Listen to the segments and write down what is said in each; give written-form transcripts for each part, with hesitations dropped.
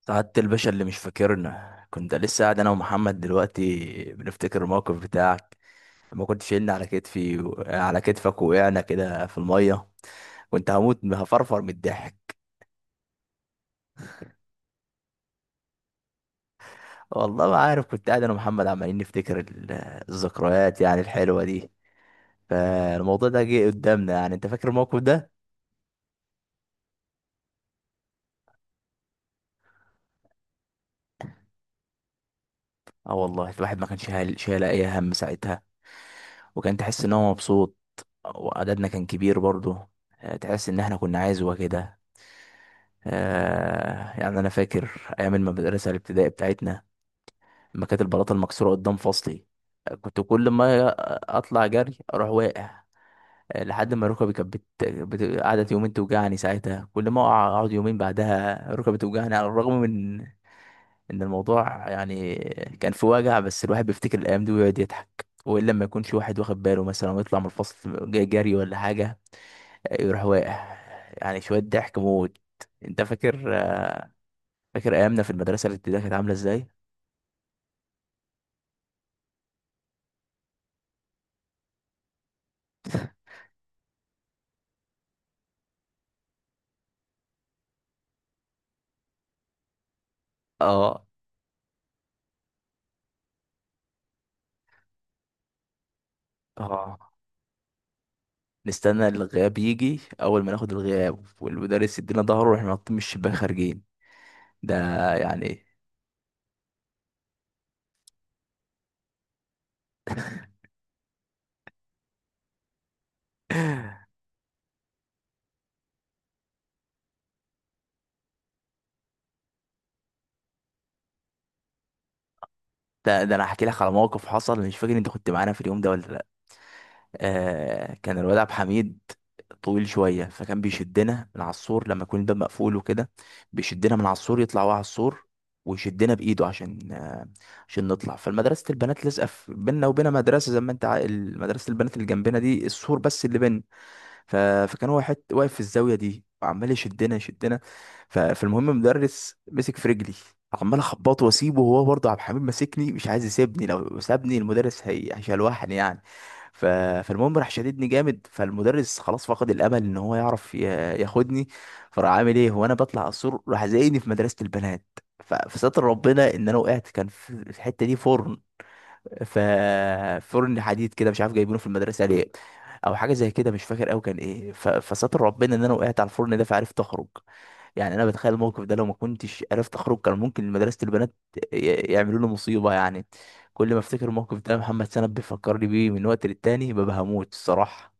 سعادة الباشا اللي مش فاكرنا، كنت لسه قاعد انا ومحمد دلوقتي بنفتكر الموقف بتاعك لما كنت شايلني على كتفك. وقعنا كده في المية، كنت هموت هفرفر من الضحك. والله ما عارف، كنت قاعد انا ومحمد عمالين نفتكر الذكريات يعني الحلوة دي. فالموضوع ده جه قدامنا، يعني انت فاكر الموقف ده؟ اه والله، الواحد ما كانش شايل اي هم ساعتها. وكان تحس ان هو مبسوط، وعددنا كان كبير برضه. تحس ان احنا كنا عزوة كده. يعني انا فاكر ايام المدرسه الابتدائي بتاعتنا، لما كانت البلاطه المكسوره قدام فصلي. كنت كل ما اطلع جري اروح واقع. لحد ما ركبي كانت قعدت يومين توجعني ساعتها. كل ما اقعد يومين بعدها ركبي توجعني، على الرغم من ان الموضوع يعني كان في وجع. بس الواحد بيفتكر الايام دي ويقعد يضحك. والا لما يكونش واحد واخد باله مثلا ويطلع من الفصل جاي جري ولا حاجه، يروح واقع. يعني شويه ضحك موت. انت فاكر؟ فاكر ايامنا في المدرسه الابتدائيه كانت عامله ازاي؟ اه. اه، نستنى الغياب يجي، اول ما ناخد الغياب والمدرس يدينا ظهره واحنا نطين من الشباك خارجين. ده يعني ده انا هحكي لك على موقف حصل، مش فاكر انت كنت معانا في اليوم ده ولا لا. كان الواد عبد الحميد طويل شويه، فكان بيشدنا من على السور لما يكون الباب مقفول وكده. بيشدنا من على السور، يطلع هو على السور ويشدنا بايده عشان عشان نطلع. فالمدرسه البنات لازقه بينا، وبين مدرسه زي ما انت مدرسه البنات اللي جنبنا دي السور بس اللي بينا. ف... فكان هو واقف في الزاويه دي وعمال يشدنا يشدنا. فالمهم المدرس مسك في رجلي، عمال اخبطه واسيبه، وهو برضه عبد الحميد ماسكني مش عايز يسيبني. لو سابني المدرس هيشلوحني يعني. ف... فالمهم راح شددني جامد، فالمدرس خلاص فقد الامل ان هو يعرف ياخدني. فراح عامل ايه، وانا بطلع على السور راح زقني في مدرسه البنات. فستر ربنا ان انا وقعت، كان في في الحته دي فرن. ف فرن حديد كده مش عارف جايبينه في المدرسه ليه، او حاجه زي كده مش فاكر قوي كان ايه. فستر ربنا ان انا وقعت على الفرن ده فعرفت اخرج. يعني انا بتخيل الموقف ده، لو ما كنتش عرفت اخرج كان ممكن مدرسه البنات ي- يعملوا لي مصيبه يعني. كل ما افتكر الموقف ده، محمد سند بيفكرني بيه من وقت للتاني، ببقى هموت الصراحه.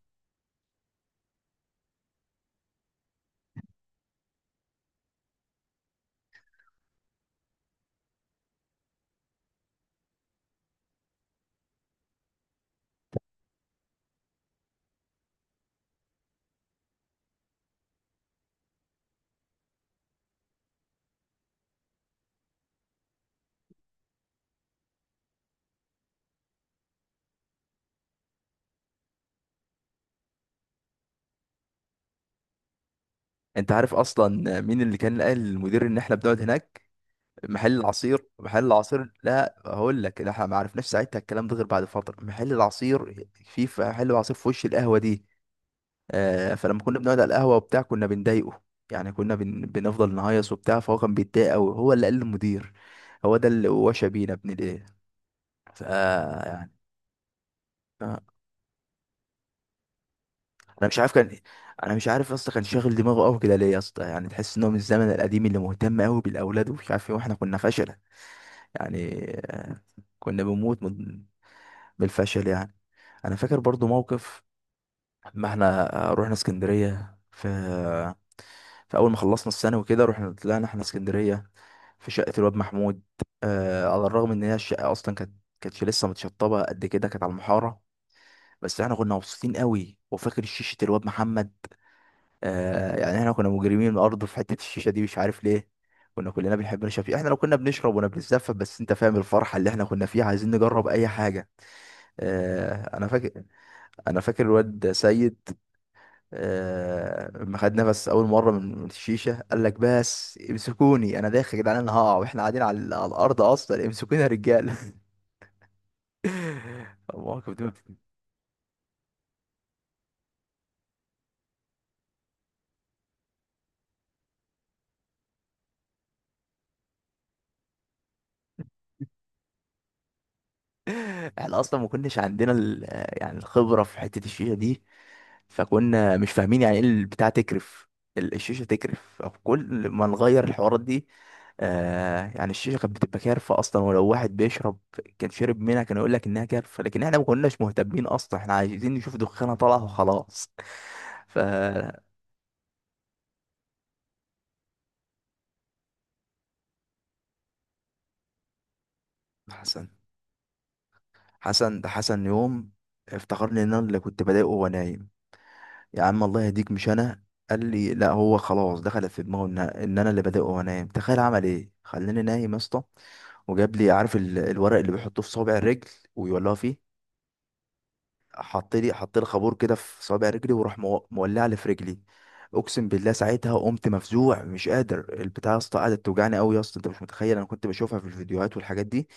انت عارف اصلا مين اللي كان قال للمدير ان احنا بنقعد هناك؟ محل العصير، محل العصير. لا هقول لك، لا احنا ما عرفناش ساعتها الكلام ده غير بعد فتره. محل العصير، في محل العصير في وش القهوه دي. فلما كنا بنقعد على القهوه وبتاع كنا بنضايقه، يعني كنا بنفضل نهيص وبتاع. فهو كان بيتضايق قوي، هو اللي قال للمدير. هو ده اللي وشى بينا ابن الايه. يعني. آه، انا مش عارف كان انا مش عارف اصلا كان شاغل دماغه قوي كده ليه يا اسطى. يعني تحس ان هو من الزمن القديم، اللي مهتم قوي بالاولاد ومش عارف ايه، واحنا كنا فشله يعني. كنا بنموت بالفشل يعني. انا فاكر برضو موقف، ما احنا رحنا اسكندريه في اول ما خلصنا الثانوي كده. رحنا طلعنا احنا اسكندريه في شقه الواد محمود. على الرغم ان هي الشقه اصلا كانتش لسه متشطبه قد كده، كانت على المحاره. بس احنا كنا مبسوطين قوي. وفاكر شيشه الواد محمد؟ يعني احنا كنا مجرمين الارض في حته الشيشه دي مش عارف ليه. كنا كلنا بنحب نشرب فيها، احنا لو كنا بنشرب ولا بنتزفت، بس انت فاهم الفرحه اللي احنا كنا فيها، عايزين نجرب اي حاجه. آه، انا فاكر انا فاكر الواد سيد. لما خد نفس اول مره من الشيشه، قال لك بس امسكوني انا داخل يا جدعان انا هقع، واحنا قاعدين على الارض اصلا، امسكوني يا رجاله. المواقف دي ما بت- احنا اصلا ما كناش عندنا يعني الخبره في حته الشيشه دي. فكنا مش فاهمين يعني ايه البتاع تكرف. الشيشه تكرف كل ما نغير الحوارات دي. يعني الشيشه كانت بتبقى كارفه اصلا، ولو واحد بيشرب كان شرب منها كان يقول لك انها كارفه. لكن احنا ما كناش مهتمين اصلا، احنا عايزين نشوف دخانه طالعه وخلاص. ف حسن. حسن ده حسن يوم افتكرني ان انا اللي كنت بضايقه وانا نايم. يا عم الله يهديك، مش انا. قال لي لا، هو خلاص دخلت في دماغه ان انا اللي بادئ، وانام. تخيل عمل ايه، خلاني نايم يا اسطى. وجاب لي عارف الورق اللي بيحطوه في صابع الرجل ويولعه فيه. حط لي خابور كده في صابع رجلي، وراح مولع لي في رجلي. اقسم بالله ساعتها قمت مفزوع مش قادر. البتاع يا اسطى قعدت توجعني قوي يا اسطى. انت مش متخيل، انا كنت بشوفها في الفيديوهات والحاجات دي،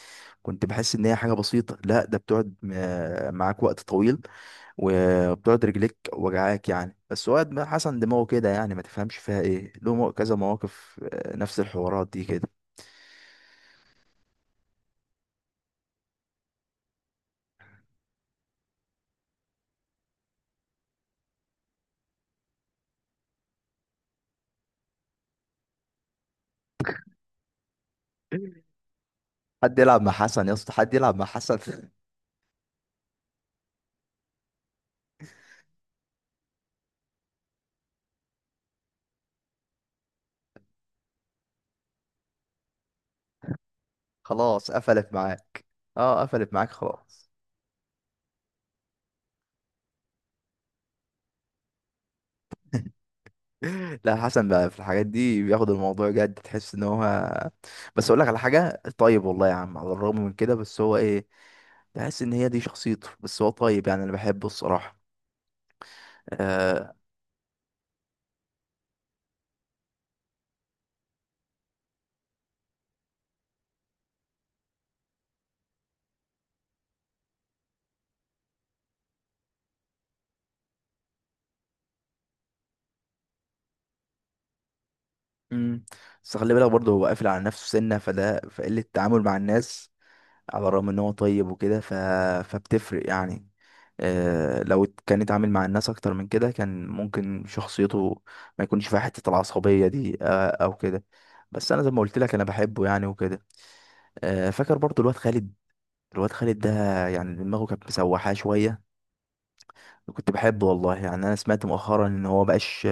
كنت بحس ان هي حاجه بسيطه. لا، ده بتقعد معاك وقت طويل، وبتقعد رجليك وجعاك يعني. بس واد ما حسن دماغه كده، يعني ما تفهمش فيها ايه. له كذا مواقف نفس الحوارات دي كده. حد يلعب مع حسن يا اسطى؟ حد يلعب مع حسن؟ خلاص قفلت معاك. اه، قفلت معاك خلاص. لا، حسن بقى في الحاجات دي بياخد الموضوع جد، تحس ان هو. بس اقول لك على حاجه، طيب والله يا عم، على الرغم من كده بس هو ايه، تحس ان هي دي شخصيته. بس هو طيب يعني، انا بحبه الصراحه. آه، امم بس خلي بالك برضه، هو قافل على نفسه سنة، فده فقلة التعامل مع الناس على الرغم ان هو طيب وكده. فبتفرق يعني. لو كان اتعامل مع الناس اكتر من كده، كان ممكن شخصيته ما يكونش فيها حتة العصبية دي، او كده. بس انا زي ما قلت لك، انا بحبه يعني وكده. فاكر برضه الواد خالد؟ الواد خالد ده، يعني دماغه كانت مسوحاه شوية. كنت بحبه والله يعني. انا سمعت مؤخرا ان هو بقاش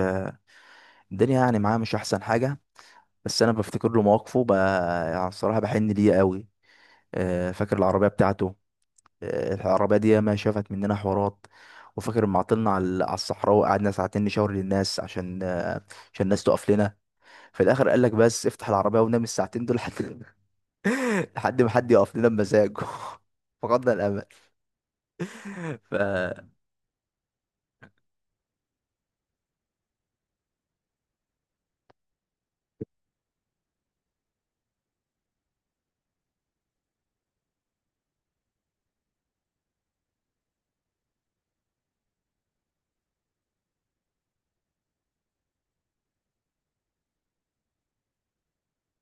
الدنيا يعني معاه مش احسن حاجة. بس انا بفتكر له مواقفه بقى، يعني الصراحه بحن ليه قوي. فاكر العربيه بتاعته؟ العربيه دي ما شافت مننا حوارات. وفاكر لما عطلنا على الصحراء وقعدنا ساعتين نشاور للناس عشان عشان الناس تقف لنا. في الاخر قال لك بس افتح العربيه ونام الساعتين دول لحد لحد ما حد يقف لنا بمزاجه. فقدنا الامل. ف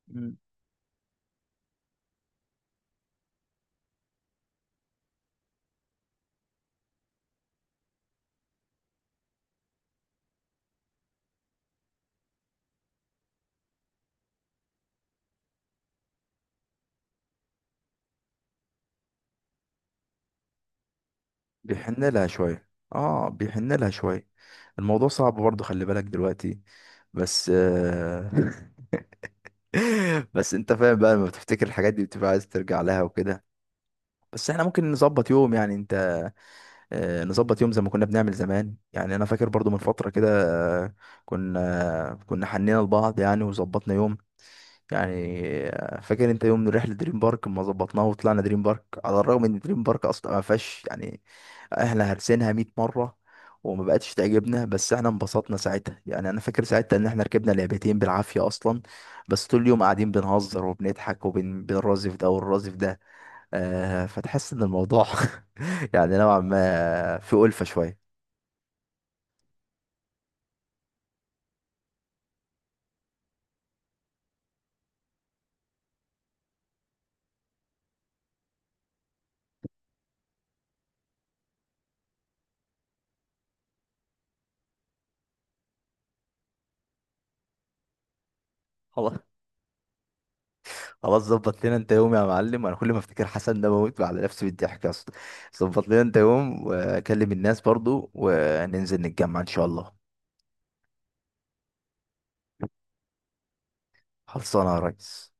مم. بيحن لها شويه. اه، بيحن لها شويه. الموضوع صعب برضه خلي بالك دلوقتي، بس بس انت فاهم بقى، لما بتفتكر الحاجات دي بتبقى عايز ترجع لها وكده. بس احنا ممكن نظبط يوم، يعني انت، نظبط يوم زي ما كنا بنعمل زمان. يعني انا فاكر برضو من فترة كده، آه، كنا حنينا لبعض يعني وظبطنا يوم يعني. فاكر انت يوم من رحله دريم بارك ما ظبطناها، وطلعنا دريم بارك على الرغم ان دريم بارك اصلا ما فيهاش يعني، احنا هرسينها 100 مره وما بقتش تعجبنا. بس احنا انبسطنا ساعتها. يعني انا فاكر ساعتها ان احنا ركبنا لعبتين بالعافيه اصلا، بس طول اليوم قاعدين بنهزر وبنضحك وبنرازف ده والرازف ده. فتحس ان الموضوع يعني نوعا ما في ألفة شويه. خلاص ظبط لنا انت يوم يا معلم. انا كل ما افتكر حسن ده بموت على نفسي بالضحك يا اسطى. ظبط لنا انت يوم، واكلم الناس برضو وننزل نتجمع ان شاء الله. خلصانه يا ريس.